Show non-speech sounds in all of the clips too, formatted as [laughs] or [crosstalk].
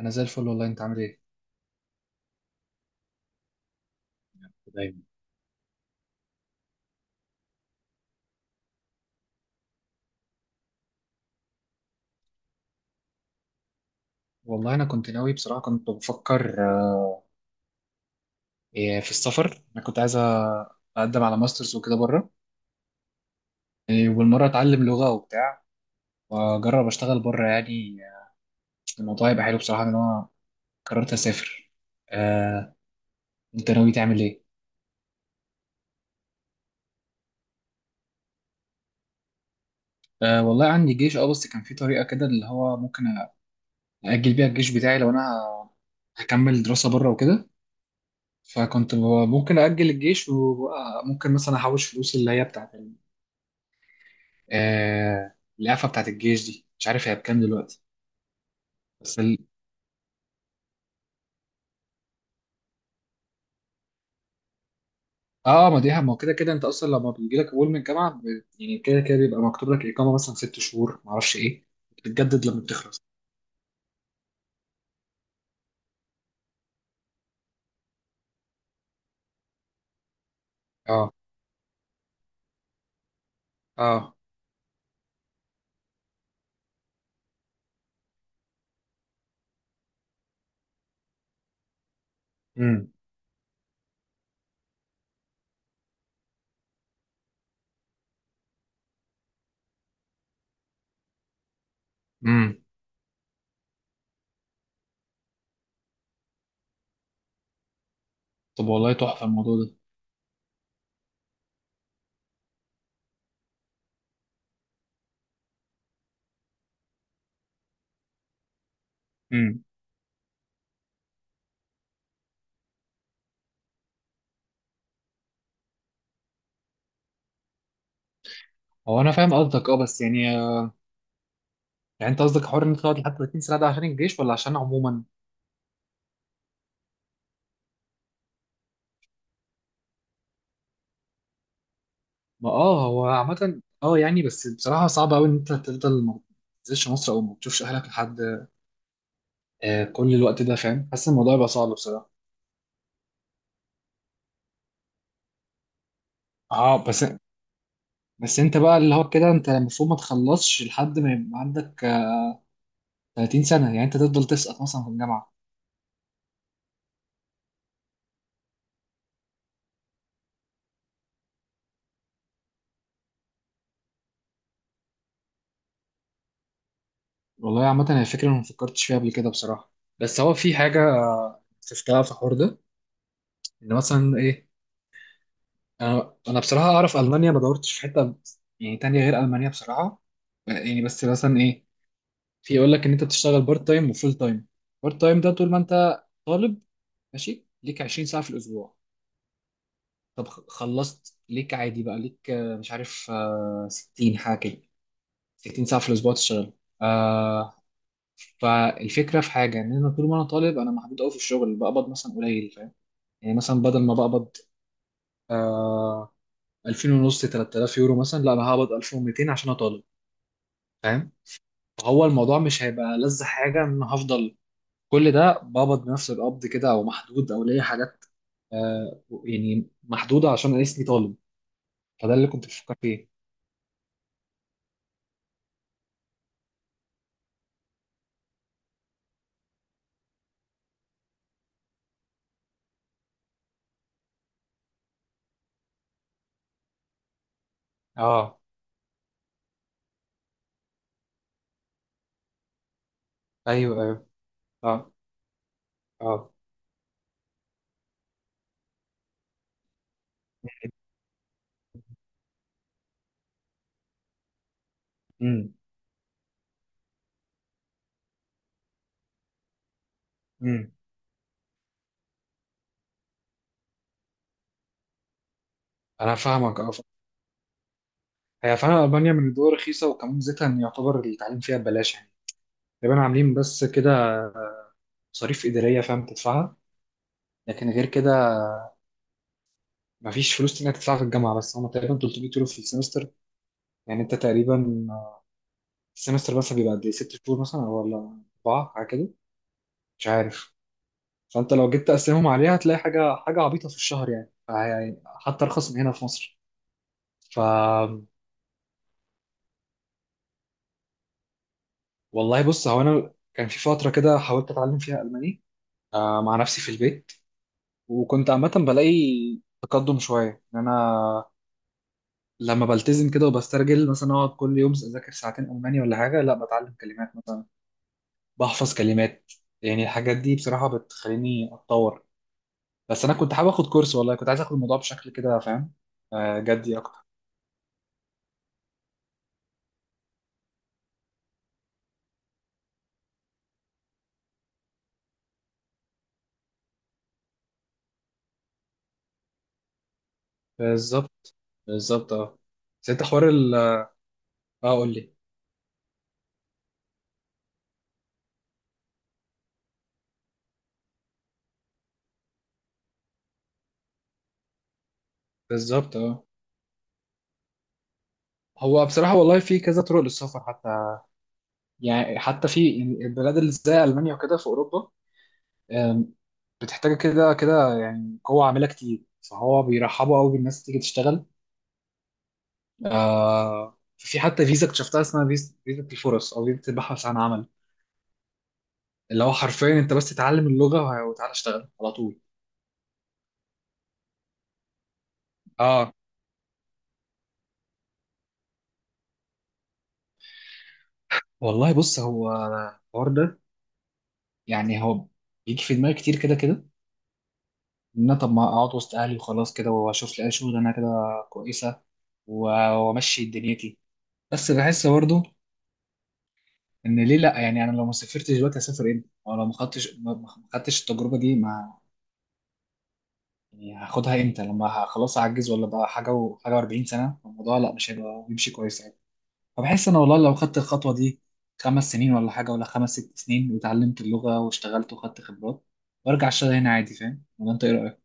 انا زي الفل والله، انت عامل ايه؟ دايما. والله، انا كنت ناوي بصراحه، كنت بفكر آه، إيه، في السفر. انا كنت عايز اقدم على ماسترز وكده بره. والمره اتعلم لغه وبتاع. واجرب اشتغل بره يعني. الموضوع هيبقى حلو بصراحه ان انا قررت اسافر. آه، انت ناوي تعمل ايه؟ والله عندي جيش، بس كان في طريقه كده اللي هو ممكن اجل بيها الجيش بتاعي لو انا هكمل دراسه بره وكده. فكنت ب- ممكن اجل الجيش، وممكن مثلا احوش فلوس اللي هي بتاعت القفه بتاعت الجيش دي. مش عارف هي بكام دلوقتي. بس ال... اه ما دي، ما هو كده كده انت اصلا لما بيجي لك قبول من الجامعه يعني كده كده بيبقى مكتوب لك اقامه مثلا 6 شهور، ما اعرفش ايه، بتتجدد لما بتخلص. اه، اه. امم. امم. طب والله، تحفه الموضوع ده. امم. هو انا فاهم قصدك، بس يعني، يعني انت قصدك حوار ان انت تقعد لحد 30 سنه ده عشان الجيش ولا عشان عموما؟ ما هو عامه، يعني، بس بصراحه صعب قوي ان انت تفضل ما تنزلش مصر او ما تشوفش اهلك لحد كل الوقت ده، فاهم، حاسس الموضوع يبقى صعب بصراحه. اه. بس انت بقى، اللي هو كده انت المفروض ما تخلصش لحد ما يبقى عندك 30 سنة، يعني انت تفضل تسقط مثلا في الجامعة. والله، عامة هي فكرة أنا ما فكرتش فيها قبل كده بصراحة، بس هو في حاجة شفتها في الحوار ده. ان مثلا ايه، انا بصراحة اعرف ألمانيا، ما دورتش في حتة يعني تانية غير ألمانيا بصراحة. يعني بس مثلا ايه، في يقول لك ان انت بتشتغل بارت تايم وفول تايم. بارت تايم ده طول ما انت طالب، ماشي ليك 20 ساعة في الأسبوع. طب خلصت ليك عادي، بقى ليك مش عارف، 60 حاجه كده، 60 ساعه في الاسبوع تشتغل. آه فالفكره في حاجه ان انا طول ما انا طالب، انا محدود قوي في الشغل، بقبض مثلا قليل، فاهم؟ يعني مثلا بدل ما بقبض 2000 ونص، 3000 يورو مثلا، لا، انا هقبض 1200 عشان أنا طالب. فاهم؟ فهو الموضوع مش هيبقى لذ حاجه ان انا هفضل كل ده بقبض بنفس القبض كده، او محدود او ليا حاجات يعني محدوده عشان انا اسمي طالب. فده اللي كنت بفكر فيه. اه، ايوه، ايوه. اه، اه. امم. امم. انا فاهمك، اه. هي فعلا المانيا من الدول الرخيصه، وكمان زيتها ان يعتبر التعليم فيها ببلاش يعني، تقريبا عاملين بس كده مصاريف اداريه فاهم تدفعها، لكن غير كده مفيش فلوس تانية تدفعها في الجامعه، بس هم تقريبا 300 يورو في السمستر، يعني انت تقريبا، السمستر بس بيبقى قد ايه؟ 6 شهور مثلا ولا اربعه؟ حاجه كده، مش عارف. فانت لو جيت تقسمهم عليها هتلاقي حاجه عبيطه في الشهر، يعني حتى ارخص من هنا في مصر. ف والله بص هو، انا كان في فتره كده حاولت اتعلم فيها الماني مع نفسي في البيت. وكنت عامة بلاقي تقدم شوية، إن أنا لما بلتزم كده وبسترجل مثلا أقعد كل يوم أذاكر ساعتين ألماني ولا حاجة، لا، بتعلم كلمات مثلا، بحفظ كلمات، يعني الحاجات دي بصراحة بتخليني أتطور. بس أنا كنت حابب آخد كورس، والله كنت عايز آخد الموضوع بشكل كده، فاهم، جدي أكتر. بالظبط، بالظبط، أه. بس أنت حوار أه، قول لي. بالظبط، أه. هو بصراحة والله في كذا طرق للسفر، حتى يعني، حتى في يعني البلاد اللي زي ألمانيا وكده في أوروبا بتحتاج كده كده يعني قوة عاملة كتير، فهو بيرحبوا قوي بالناس تيجي تشتغل. في حتى فيزا اكتشفتها اسمها فيزا الفرص، او فيزا البحث عن عمل، اللي هو حرفيا انت بس تتعلم اللغة وتعالى اشتغل على طول. اه. والله بص هو، الحوار ده يعني هو بيجي في دماغي كتير كده كده، ان انا طب ما اقعد وسط اهلي وخلاص كده واشوف لي اي شغل، انا كده كويسة، وامشي دنيتي. بس بحس برضو ان ليه لا، يعني انا لو ما سافرتش دلوقتي هسافر امتى، او لو ما خدتش ما خدتش التجربه دي، ما يعني هاخدها امتى، لما خلاص هعجز ولا بقى حاجه وحاجه و40 سنه، الموضوع لا مش هيبقى بيمشي كويس يعني. فبحس انا والله لو خدت الخطوه دي 5 سنين ولا حاجه، ولا خمس ست سنين، وتعلمت اللغه واشتغلت وخدت خبرات وارجع اشتغل هنا عادي، فاهم؟ ولا انت ايه رايك؟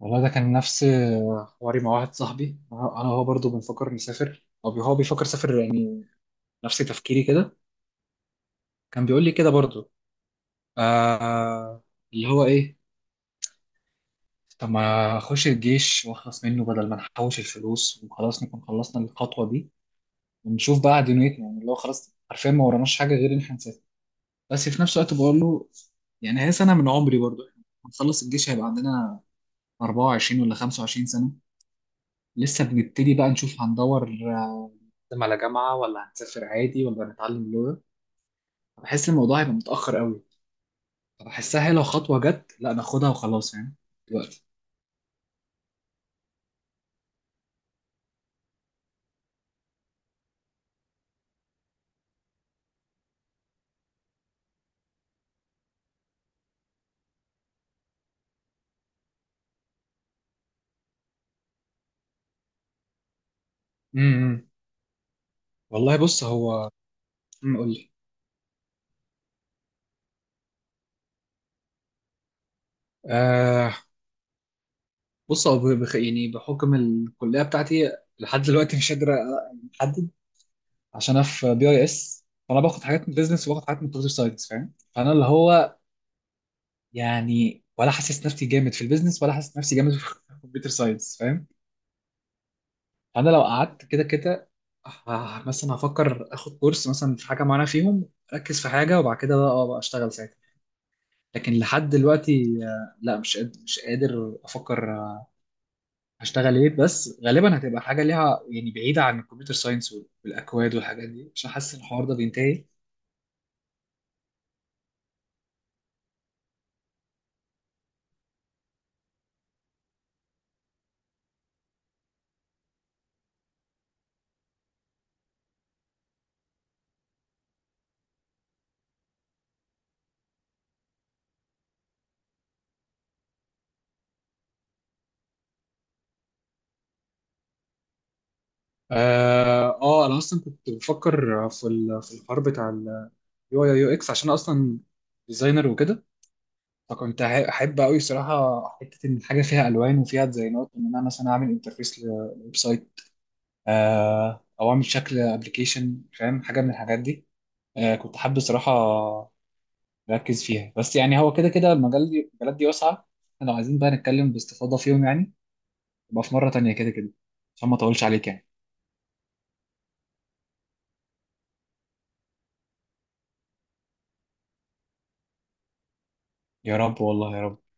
والله ده كان نفس حواري مع واحد صاحبي، أنا وهو برضه بنفكر نسافر، او هو بيفكر يسافر يعني نفس تفكيري كده. كان بيقول لي كده برضه آه اللي هو ايه، طب ما اخش الجيش واخلص منه، بدل ما نحوش الفلوس وخلاص نكون خلصنا الخطوه دي، ونشوف بقى دنيتنا، يعني اللي هو خلاص عارفين ما وراناش حاجه غير ان احنا نسافر. بس في نفس الوقت بقول له، يعني هي سنه من عمري برضو، احنا هنخلص الجيش هيبقى عندنا 24 ولا 25 سنه، لسه بنبتدي بقى نشوف، هندور نقدم على جامعه ولا هنسافر عادي ولا هنتعلم لغه، بحس الموضوع هيبقى متاخر قوي. بحسها هي لو خطوه جت لا ناخدها وخلاص يعني دلوقتي. والله بص هو، قول لي. آه بص هو يعني بحكم الكليه بتاعتي، لحد دلوقتي مش قادر احدد، عشان انا في BIS، فانا باخد حاجات من بيزنس وباخد حاجات من كمبيوتر ساينس، فاهم؟ فانا اللي هو يعني، ولا حاسس نفسي جامد في البيزنس ولا حاسس نفسي جامد في [laughs] الكمبيوتر ساينس، فاهم؟ فانا لو قعدت كده كده مثلا هفكر اخد كورس مثلا في حاجه معينه فيهم، اركز في حاجه وبعد كده بقى، بقى اشتغل ساعتها. لكن لحد دلوقتي لا، مش قادر افكر هشتغل ايه، بس غالبا هتبقى حاجه ليها يعني بعيده عن الكمبيوتر ساينس والاكواد والحاجات دي، عشان حاسس ان الحوار ده بينتهي. انا اصلا كنت بفكر في في الحوار بتاع اليو آي/يو إكس، عشان أنا اصلا ديزاينر وكده، فكنت احب قوي صراحه حته ان حاجه فيها الوان وفيها ديزاينات، ان انا مثلا اعمل انترفيس لويب سايت، او اعمل شكل ابلكيشن، فاهم، حاجه من الحاجات دي، كنت حابب صراحه ركز فيها. بس يعني هو كده كده المجالات دي واسعة، احنا لو عايزين بقى نتكلم باستفاضة فيهم يعني، يبقى في مرة تانية كده كده، عشان ما اطولش عليك يعني. يا رب، والله يا رب.